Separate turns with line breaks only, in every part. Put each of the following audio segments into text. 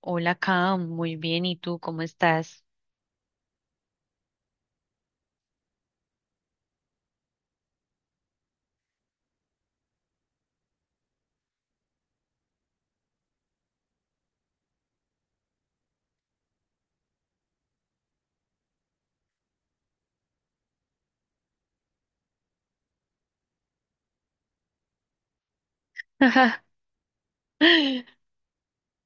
Hola, Cam, muy bien. ¿Y tú cómo estás?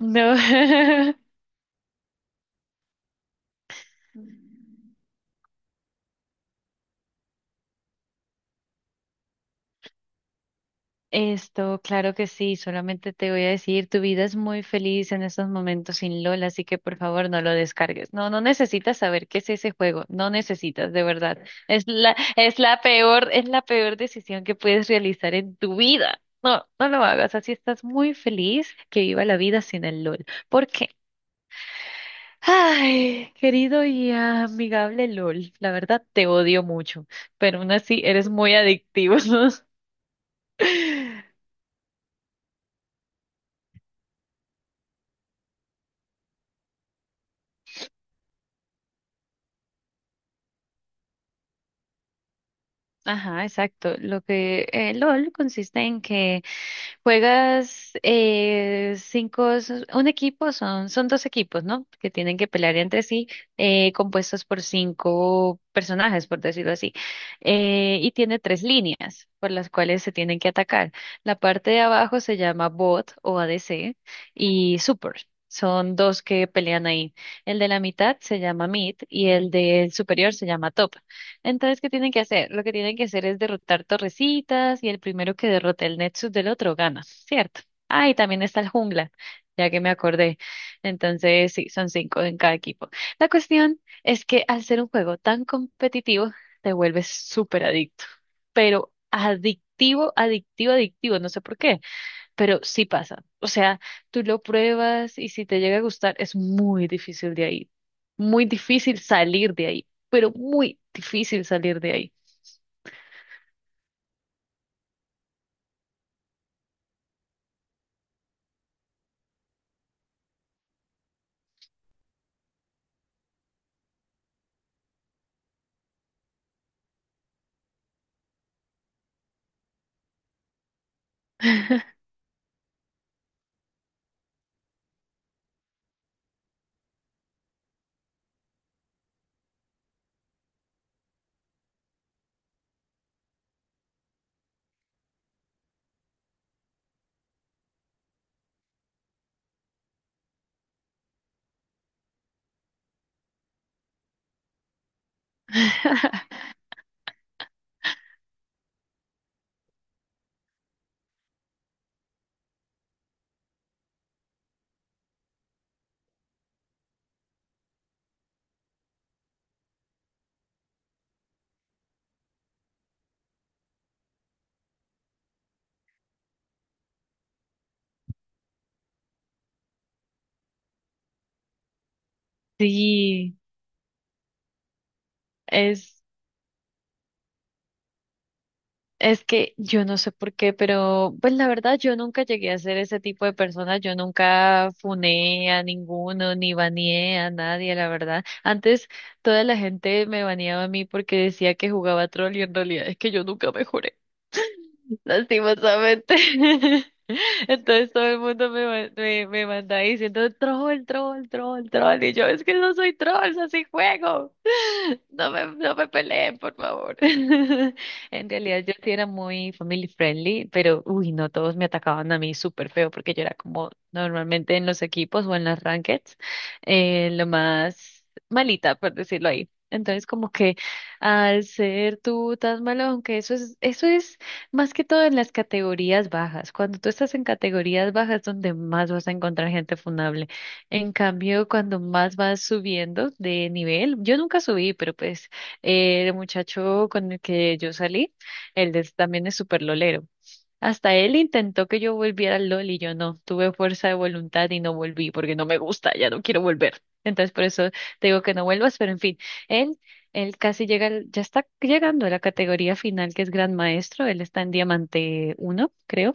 No. Claro que sí. Solamente te voy a decir, tu vida es muy feliz en estos momentos sin Lola, así que por favor no lo descargues. No, no necesitas saber qué es ese juego. No necesitas, de verdad. Es la peor, es la peor decisión que puedes realizar en tu vida. No, no lo hagas. Así estás muy feliz que viva la vida sin el LOL. ¿Por qué? Ay, querido y amigable LOL, la verdad te odio mucho, pero aún así eres muy adictivo. Ajá, exacto. Lo que LOL consiste en que juegas 5, un equipo, son dos equipos, ¿no? Que tienen que pelear entre sí, compuestos por 5 personajes, por decirlo así. Y tiene 3 líneas por las cuales se tienen que atacar. La parte de abajo se llama bot o ADC y super. Son dos que pelean ahí. El de la mitad se llama mid y el del superior se llama top. Entonces, ¿qué tienen que hacer? Lo que tienen que hacer es derrotar torrecitas y el primero que derrote el Nexus del otro gana, ¿cierto? Ah, y también está el jungla, ya que me acordé. Entonces, sí, son 5 en cada equipo. La cuestión es que al ser un juego tan competitivo, te vuelves súper adicto, pero adictivo, adictivo, adictivo, no sé por qué, pero sí pasa. O sea, tú lo pruebas y si te llega a gustar, es muy difícil de ahí. Muy difícil salir de ahí, pero muy difícil salir de ahí. Sí, es, es que yo no sé por qué, pero pues la verdad yo nunca llegué a ser ese tipo de persona, yo nunca funé a ninguno, ni baneé a nadie, la verdad. Antes toda la gente me baneaba a mí porque decía que jugaba troll y en realidad es que yo nunca mejoré, lastimosamente. Entonces todo el mundo me manda diciendo troll, troll, troll, troll. Y yo, es que no soy troll, es así juego. No me peleen, por favor. En realidad yo sí era muy family friendly, pero uy, no, todos me atacaban a mí súper feo porque yo era como normalmente en los equipos o en las rankeds, lo más malita, por decirlo ahí. Entonces como que al ser tú tan malo, aunque eso es más que todo en las categorías bajas. Cuando tú estás en categorías bajas es donde más vas a encontrar gente funable. En cambio, cuando más vas subiendo de nivel, yo nunca subí, pero pues el muchacho con el que yo salí, también es súper lolero. Hasta él intentó que yo volviera al LOL y yo no. Tuve fuerza de voluntad y no volví porque no me gusta, ya no quiero volver. Entonces por eso te digo que no vuelvas, pero en fin, él, él casi llega, ya está llegando a la categoría final que es Gran Maestro, él está en Diamante uno, creo,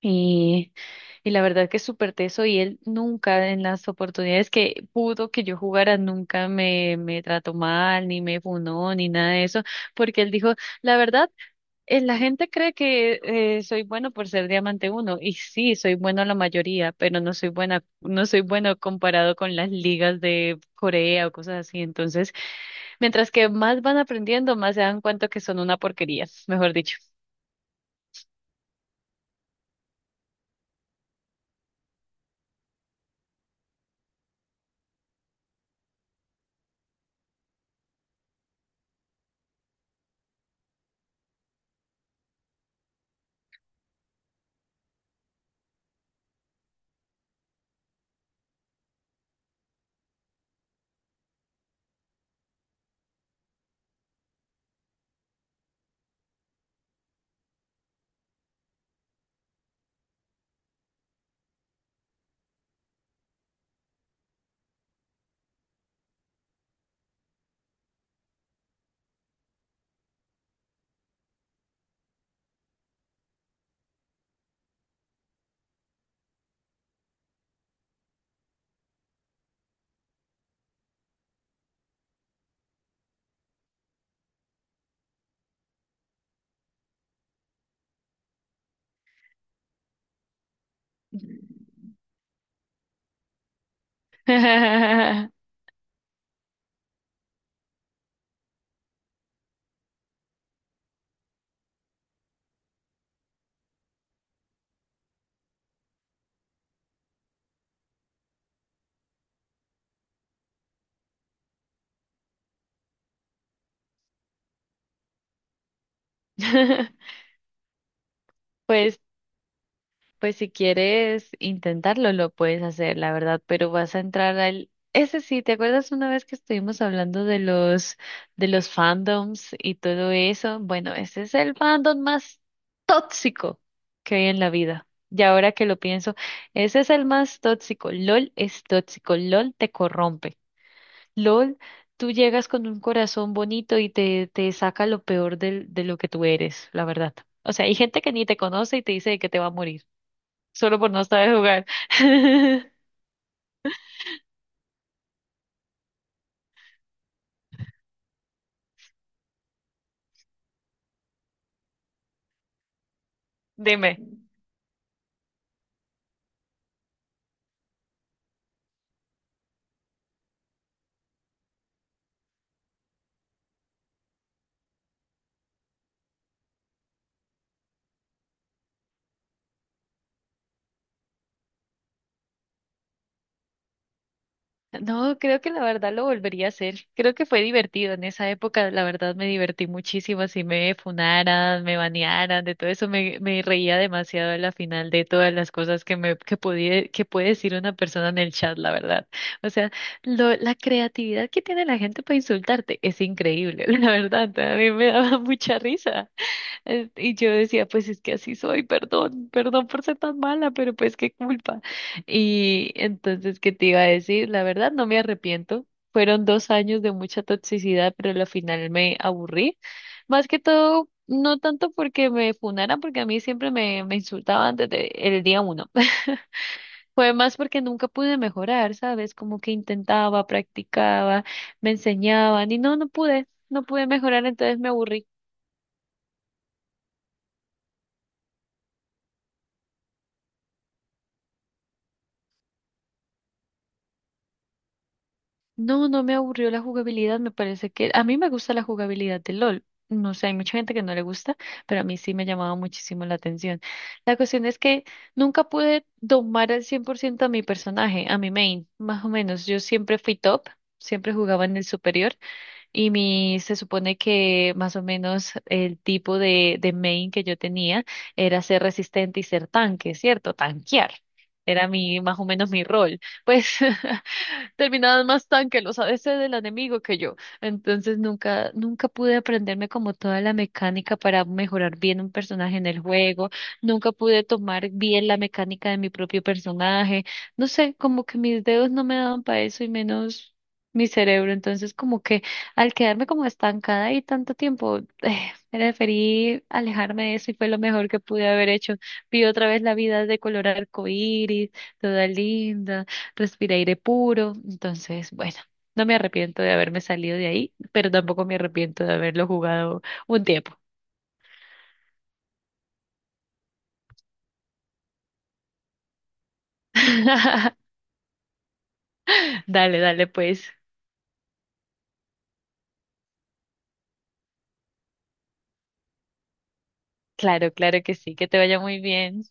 y, y la verdad que es súper teso y él nunca en las oportunidades que pudo que yo jugara, nunca me trató mal, ni me funó, ni nada de eso, porque él dijo, la verdad, la gente cree que soy bueno por ser diamante uno, y sí, soy bueno la mayoría, pero no soy bueno comparado con las ligas de Corea o cosas así. Entonces, mientras que más van aprendiendo, más se dan cuenta que son una porquería, mejor dicho. Pues pues si quieres intentarlo, lo puedes hacer, la verdad, pero vas a entrar al... Ese sí, ¿te acuerdas una vez que estuvimos hablando de los fandoms y todo eso? Bueno, ese es el fandom más tóxico que hay en la vida. Y ahora que lo pienso, ese es el más tóxico. LOL es tóxico, LOL te corrompe. LOL, tú llegas con un corazón bonito y te saca lo peor de lo que tú eres, la verdad. O sea, hay gente que ni te conoce y te dice que te va a morir solo por no saber jugar. Dime. No, creo que la verdad lo volvería a hacer. Creo que fue divertido en esa época. La verdad me divertí muchísimo. Si me funaran, me banearan, de todo eso me reía demasiado a la final de todas las cosas que me que podía, que puede decir una persona en el chat, la verdad. O sea, la creatividad que tiene la gente para insultarte es increíble, la verdad. A mí me daba mucha risa. Y yo decía, pues es que así soy, perdón por ser tan mala, pero pues qué culpa. Y entonces, ¿qué te iba a decir? La verdad, no me arrepiento. Fueron 2 años de mucha toxicidad, pero al final me aburrí. Más que todo, no tanto porque me funaran, porque a mí siempre me insultaban desde el día uno. Fue más porque nunca pude mejorar, ¿sabes? Como que intentaba, practicaba, me enseñaban y no pude, no pude mejorar, entonces me aburrí. No, no me aburrió la jugabilidad, me parece que a mí me gusta la jugabilidad de LOL. No sé, hay mucha gente que no le gusta, pero a mí sí me llamaba muchísimo la atención. La cuestión es que nunca pude domar al 100% a mi personaje, a mi main, más o menos. Yo siempre fui top, siempre jugaba en el superior y se supone que más o menos el tipo de main que yo tenía era ser resistente y ser tanque, ¿cierto? Tanquear. Más o menos mi rol. Pues terminaban más tan que los ADC del enemigo que yo. Entonces nunca, nunca pude aprenderme como toda la mecánica para mejorar bien un personaje en el juego. Nunca pude tomar bien la mecánica de mi propio personaje. No sé, como que mis dedos no me daban para eso y menos mi cerebro. Entonces como que al quedarme como estancada ahí tanto tiempo, preferí alejarme de eso y fue lo mejor que pude haber hecho. Vi otra vez la vida de color arcoíris, toda linda, respiré aire puro, entonces, bueno, no me arrepiento de haberme salido de ahí, pero tampoco me arrepiento de haberlo jugado un tiempo. Dale, dale, pues. Claro, claro que sí, que te vaya muy bien.